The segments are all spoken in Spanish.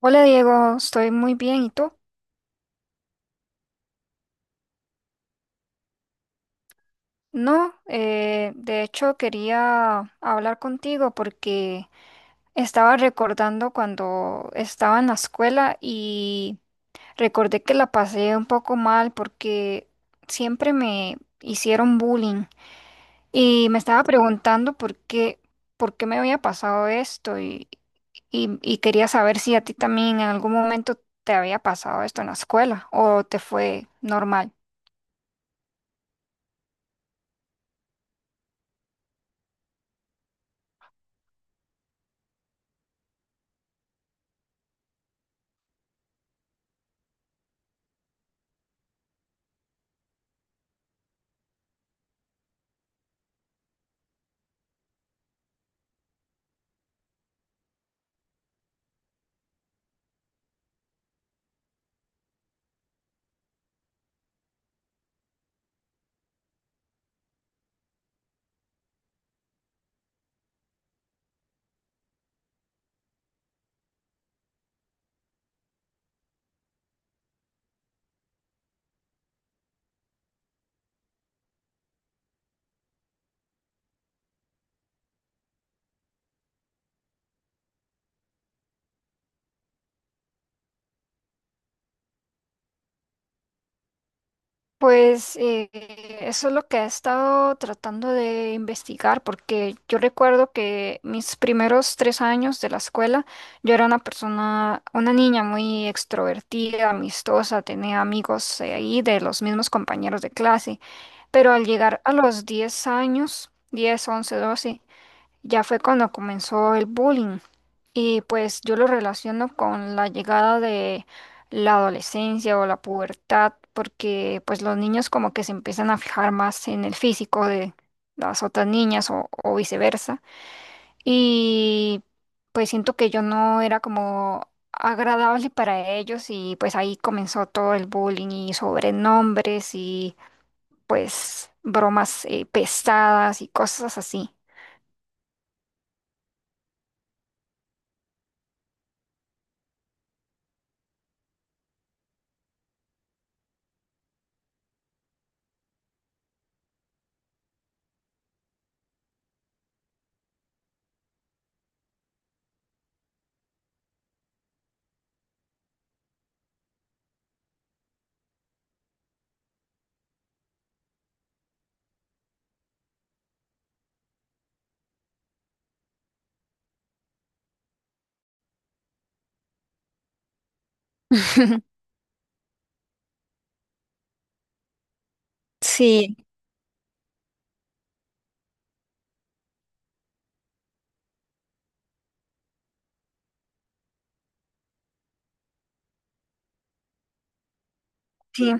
Hola Diego, estoy muy bien. ¿Y tú? No, de hecho quería hablar contigo porque estaba recordando cuando estaba en la escuela y recordé que la pasé un poco mal porque siempre me hicieron bullying y me estaba preguntando por qué me había pasado esto y quería saber si a ti también en algún momento te había pasado esto en la escuela o te fue normal. Pues eso es lo que he estado tratando de investigar, porque yo recuerdo que mis primeros 3 años de la escuela, yo era una persona, una niña muy extrovertida, amistosa, tenía amigos ahí de los mismos compañeros de clase, pero al llegar a los 10 años, 10, 11, 12. Ya fue cuando comenzó el bullying y pues yo lo relaciono con la llegada de la adolescencia o la pubertad porque pues los niños como que se empiezan a fijar más en el físico de las otras niñas o viceversa y pues siento que yo no era como agradable para ellos y pues ahí comenzó todo el bullying y sobrenombres y pues bromas pesadas y cosas así. Sí, sí,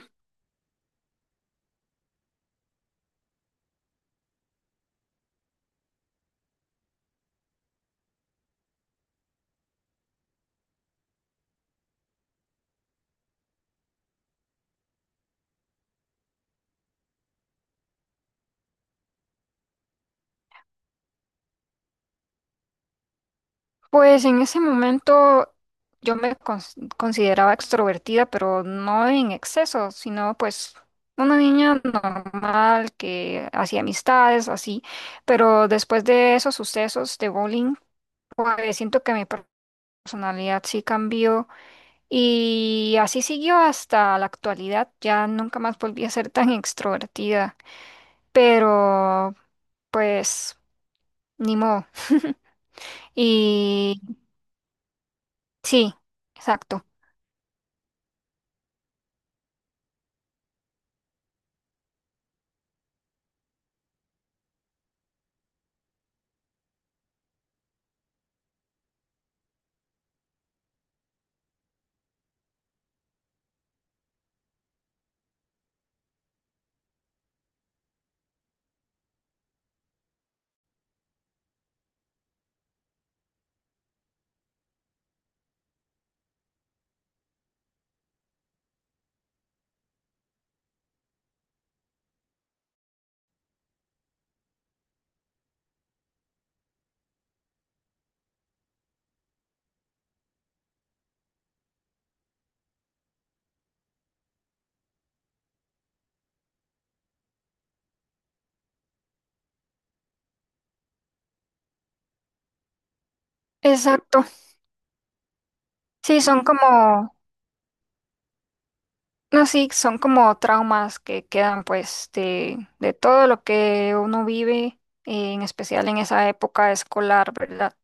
pues en ese momento yo me consideraba extrovertida, pero no en exceso, sino pues una niña normal que hacía amistades, así. Pero después de esos sucesos de bowling, pues siento que mi personalidad sí cambió y así siguió hasta la actualidad. Ya nunca más volví a ser tan extrovertida, pero pues ni modo. Y sí, exacto. Exacto. Sí, son como, no, sí, son como traumas que quedan pues de todo lo que uno vive, en especial en esa época escolar, ¿verdad?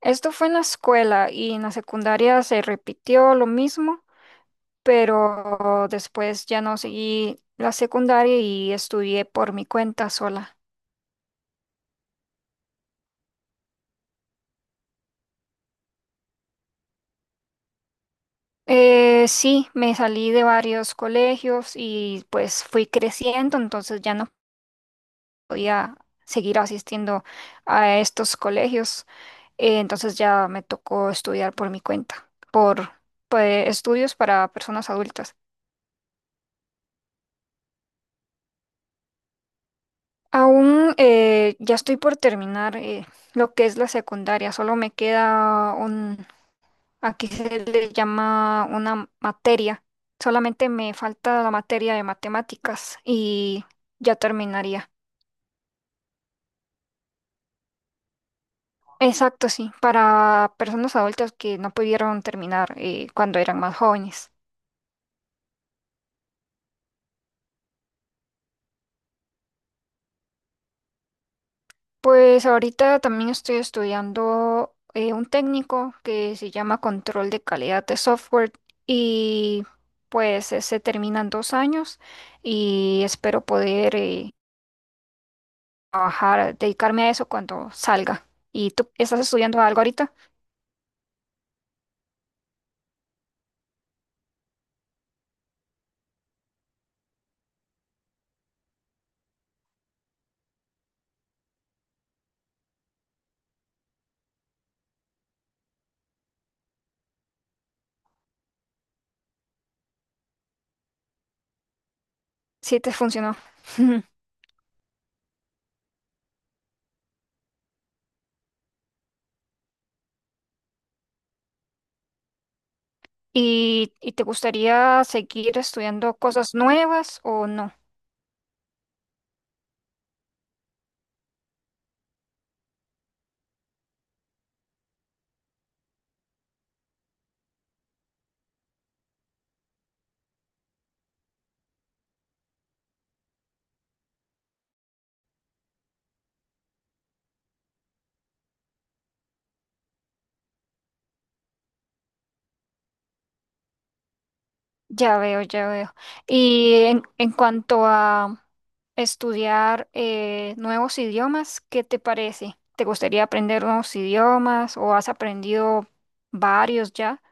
Esto fue en la escuela y en la secundaria se repitió lo mismo, pero después ya no seguí la secundaria y estudié por mi cuenta sola. Sí, me salí de varios colegios y pues fui creciendo, entonces ya no podía seguir asistiendo a estos colegios. Entonces ya me tocó estudiar por mi cuenta, por estudios para personas adultas. Aún ya estoy por terminar lo que es la secundaria, solo me queda un, aquí se le llama una materia, solamente me falta la materia de matemáticas y ya terminaría. Exacto, sí, para personas adultas que no pudieron terminar cuando eran más jóvenes. Pues ahorita también estoy estudiando un técnico que se llama control de calidad de software y pues se termina en 2 años y espero poder trabajar, dedicarme a eso cuando salga. ¿Y tú estás estudiando algo ahorita? Sí, te funcionó. ¿Y, y te gustaría seguir estudiando cosas nuevas o no? Ya veo, ya veo. Y en cuanto a estudiar nuevos idiomas, ¿qué te parece? ¿Te gustaría aprender nuevos idiomas o has aprendido varios ya?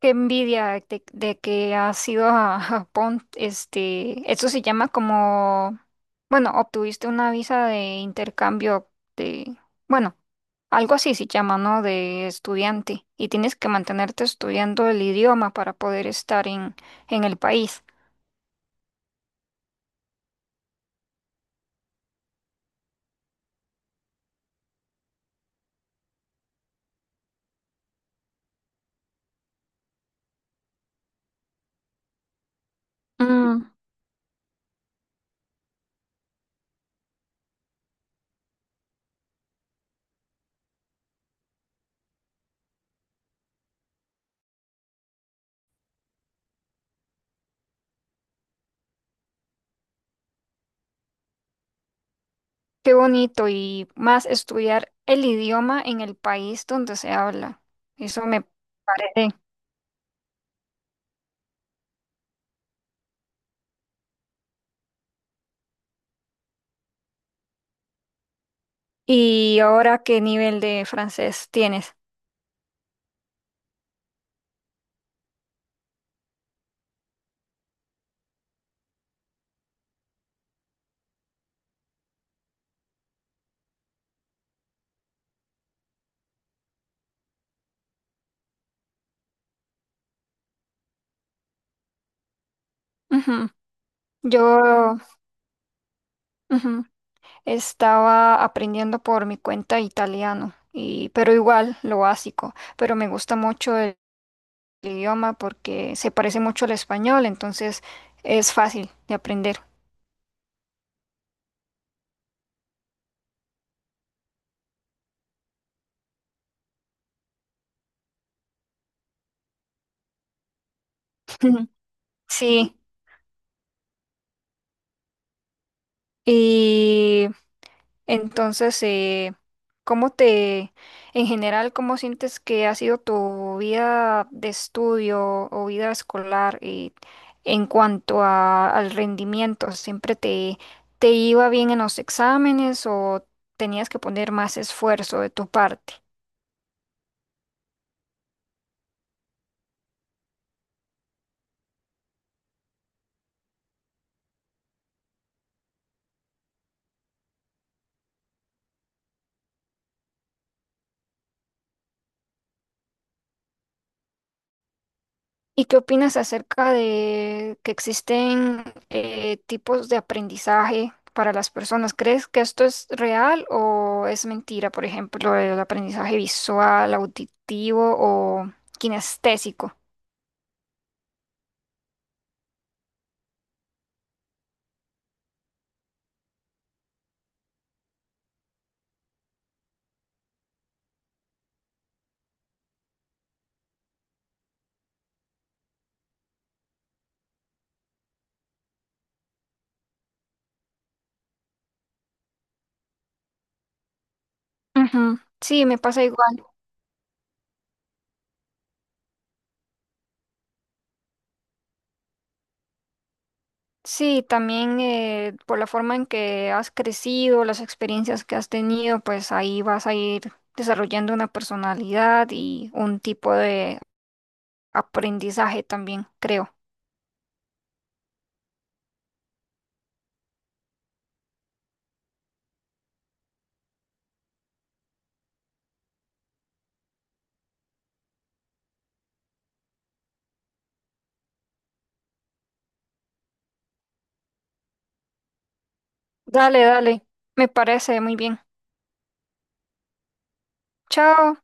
Qué envidia de que has ido a Japón. Este, eso se llama como, bueno, obtuviste una visa de intercambio de, bueno, algo así se llama, ¿no? De estudiante. Y tienes que mantenerte estudiando el idioma para poder estar en el país. Mm, qué bonito. Y más estudiar el idioma en el país donde se habla. Eso me parece. ¿Y ahora qué nivel de francés tienes? Ujú. Yo ujú, estaba aprendiendo por mi cuenta italiano, y, pero igual lo básico, pero me gusta mucho el idioma porque se parece mucho al español, entonces es fácil de aprender. Sí, y entonces, ¿cómo te, en general, cómo sientes que ha sido tu vida de estudio o vida escolar en cuanto a- al rendimiento? ¿Siempre te, te iba bien en los exámenes o tenías que poner más esfuerzo de tu parte? ¿Y qué opinas acerca de que existen tipos de aprendizaje para las personas? ¿Crees que esto es real o es mentira? Por ejemplo, el aprendizaje visual, auditivo o kinestésico. Ujú. Sí, me pasa igual. Sí, también por la forma en que has crecido, las experiencias que has tenido, pues ahí vas a ir desarrollando una personalidad y un tipo de aprendizaje también, creo. Dale, dale. Me parece muy bien. Chao.